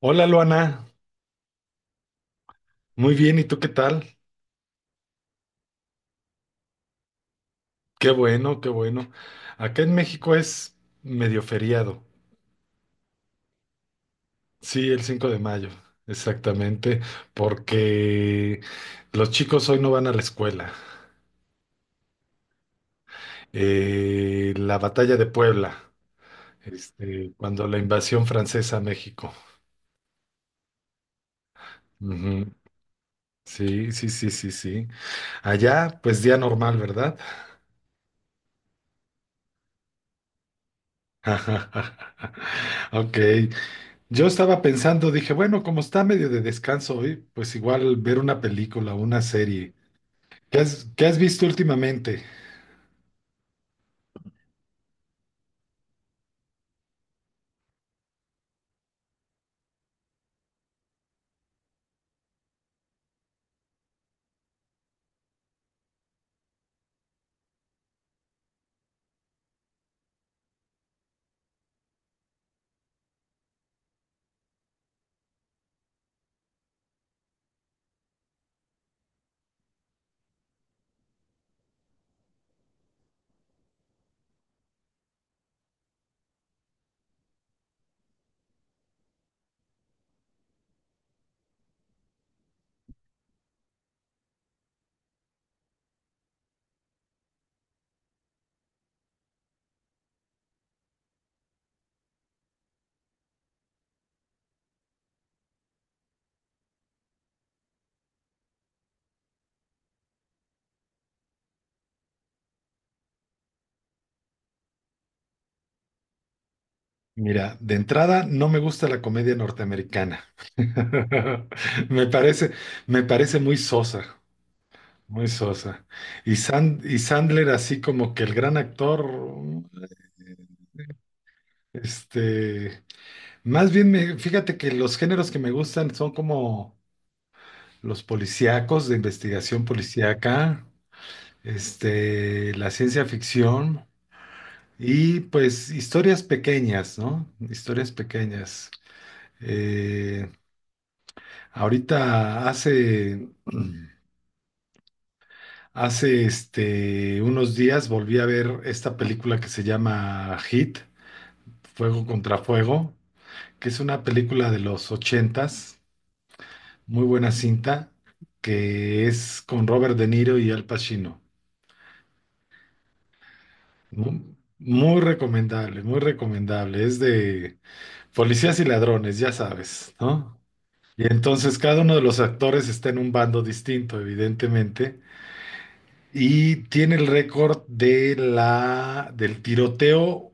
Hola, Luana. Muy bien, ¿y tú qué tal? Qué bueno, qué bueno. Acá en México es medio feriado. Sí, el 5 de mayo, exactamente, porque los chicos hoy no van a la escuela. La batalla de Puebla, cuando la invasión francesa a México. Ujú. Sí, sí, sí, sí, sí. Allá, pues día normal, ¿verdad? Ok. Yo estaba pensando, dije, bueno, como está medio de descanso hoy, pues igual ver una película o una serie. Qué has visto últimamente? Mira, de entrada no me gusta la comedia norteamericana. Me parece, me parece muy sosa, muy sosa. Y, Sand- y Sandler así como que el gran actor. este, Más bien me, fíjate que los géneros que me gustan son como los policíacos, de investigación policíaca. La ciencia ficción y pues historias pequeñas, ¿no? Historias pequeñas. Eh, Ahorita hace, hace unos días volví a ver esta película que se llama Hit, Fuego contra Fuego, que es una película de los ochentas, muy buena cinta, que es con Robert De Niro y Al Pacino. Muy recomendable, muy recomendable. Es de policías y ladrones, ya sabes, ¿no? Y entonces cada uno de los actores está en un bando distinto, evidentemente, y tiene el récord de la, del tiroteo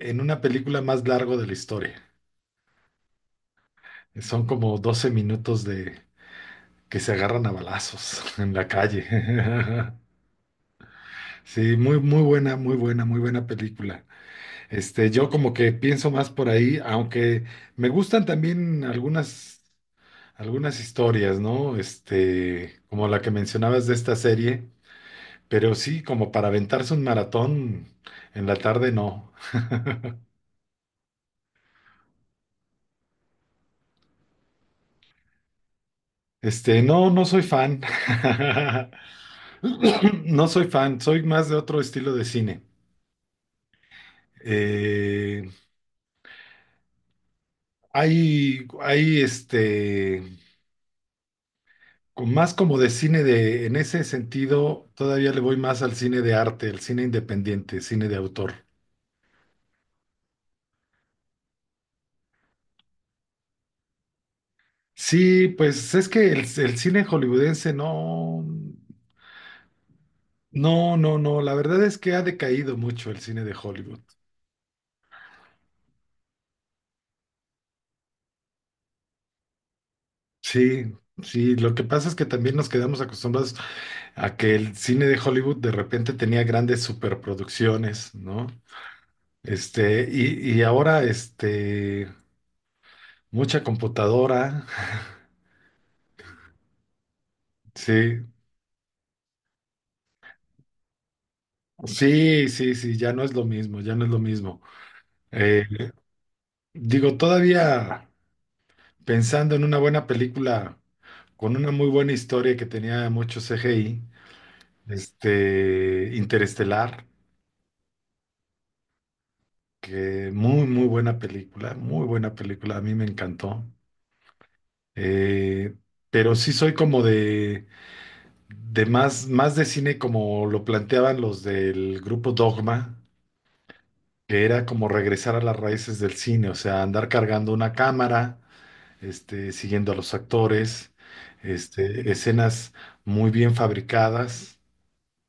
en una película más largo de la historia. Son como 12 minutos de que se agarran a balazos en la calle. Sí, muy, muy buena, muy buena, muy buena película. Yo como que pienso más por ahí, aunque me gustan también algunas historias, ¿no? Como la que mencionabas de esta serie, pero sí, como para aventarse un maratón en la tarde, no. No, no soy fan. No soy fan, soy más de otro estilo de cine. Eh, Hay, hay más como de cine de, en ese sentido, todavía le voy más al cine de arte, al cine independiente, cine de autor. Sí, pues es que el cine hollywoodense no. No, no, no, la verdad es que ha decaído mucho el cine de Hollywood. Sí, sí, lo que pasa es que también nos quedamos acostumbrados a que el cine de Hollywood de repente tenía grandes superproducciones, ¿no? Y, y ahora, mucha computadora. Sí, sí, sí, sí, ya no es lo mismo, ya no es lo mismo. Eh, Digo, todavía pensando en una buena película con una muy buena historia que tenía mucho CGI. Interestelar, que muy, muy buena película, a mí me encantó. Eh, pero sí soy como de más, más de cine como lo planteaban los del grupo Dogma, que era como regresar a las raíces del cine, o sea, andar cargando una cámara, siguiendo a los actores, escenas muy bien fabricadas,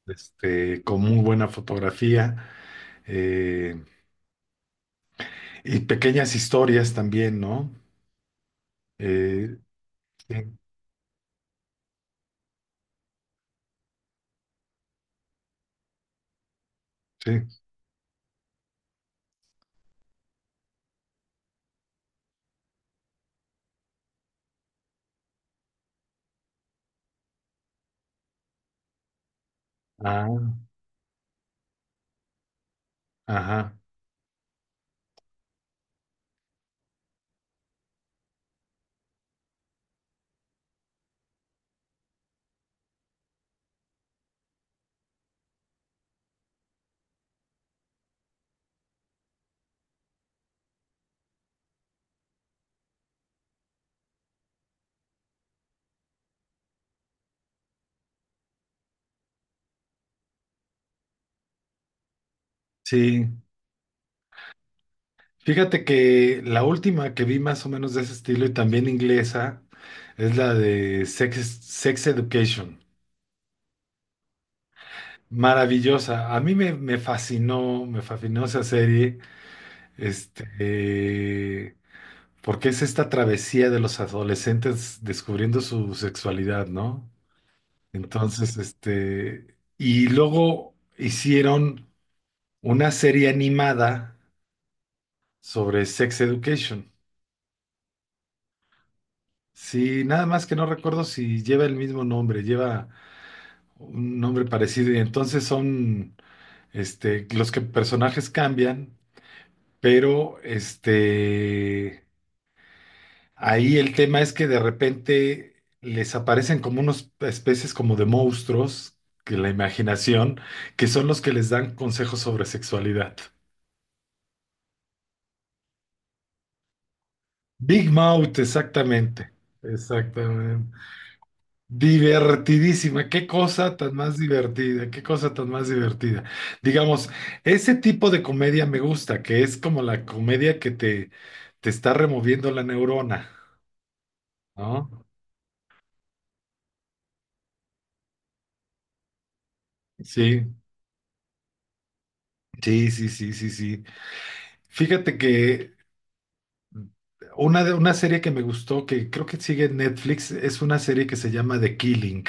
con muy buena fotografía. eh, Y pequeñas historias también, ¿no? Eh, sí, sí. Ah, ajá. Sí. Fíjate que la última que vi más o menos de ese estilo y también inglesa es la de Sex, Sex Education. Maravillosa. A mí me, me fascinó esa serie. este, eh, Porque es esta travesía de los adolescentes descubriendo su sexualidad, ¿no? Entonces, y luego hicieron una serie animada sobre Sex Education. Sí, nada más que no recuerdo si lleva el mismo nombre, lleva un nombre parecido y entonces son los que personajes cambian, pero ahí el tema es que de repente les aparecen como unas especies como de monstruos, que la imaginación, que son los que les dan consejos sobre sexualidad. Big Mouth, exactamente. Exactamente. Divertidísima, qué cosa tan más divertida, qué cosa tan más divertida. Digamos, ese tipo de comedia me gusta, que es como la comedia que te está removiendo la neurona, ¿no? Sí, sí, sí, sí, sí, sí. Fíjate que una, de, una serie que me gustó, que creo que sigue en Netflix, es una serie que se llama The Killing.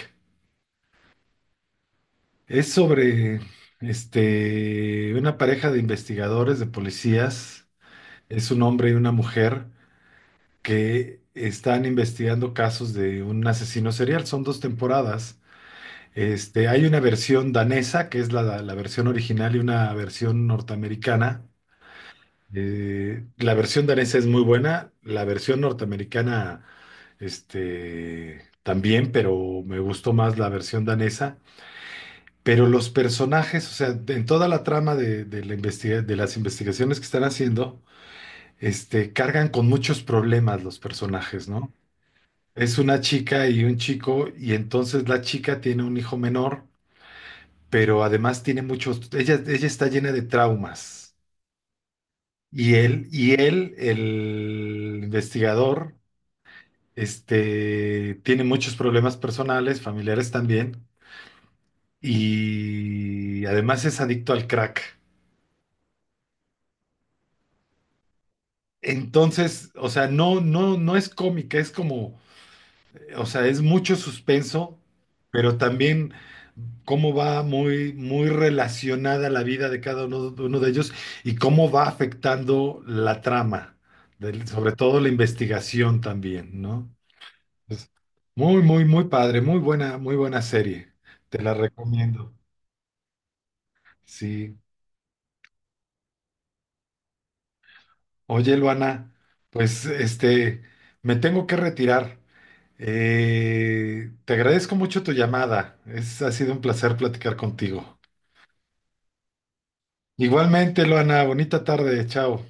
Es sobre una pareja de investigadores, de policías, es un hombre y una mujer que están investigando casos de un asesino serial. Son dos temporadas. Hay una versión danesa, que es la, la versión original, y una versión norteamericana. La versión danesa es muy buena, la versión norteamericana, también, pero me gustó más la versión danesa. Pero los personajes, o sea, en toda la trama de la de las investigaciones que están haciendo, cargan con muchos problemas los personajes, ¿no? Es una chica y un chico, y entonces la chica tiene un hijo menor, pero además tiene muchos, ella está llena de traumas. Y él, el investigador, tiene muchos problemas personales, familiares también, y además es adicto al crack. Entonces, o sea, no, no, no es cómica, es como... O sea, es mucho suspenso, pero también cómo va muy, muy relacionada la vida de cada uno de ellos y cómo va afectando la trama, sobre todo la investigación también, ¿no? Es muy, muy, muy padre, muy buena serie. Te la recomiendo. Sí. Oye, Luana, pues me tengo que retirar. Te agradezco mucho tu llamada. Es, ha sido un placer platicar contigo. Igualmente, Luana, bonita tarde, chao.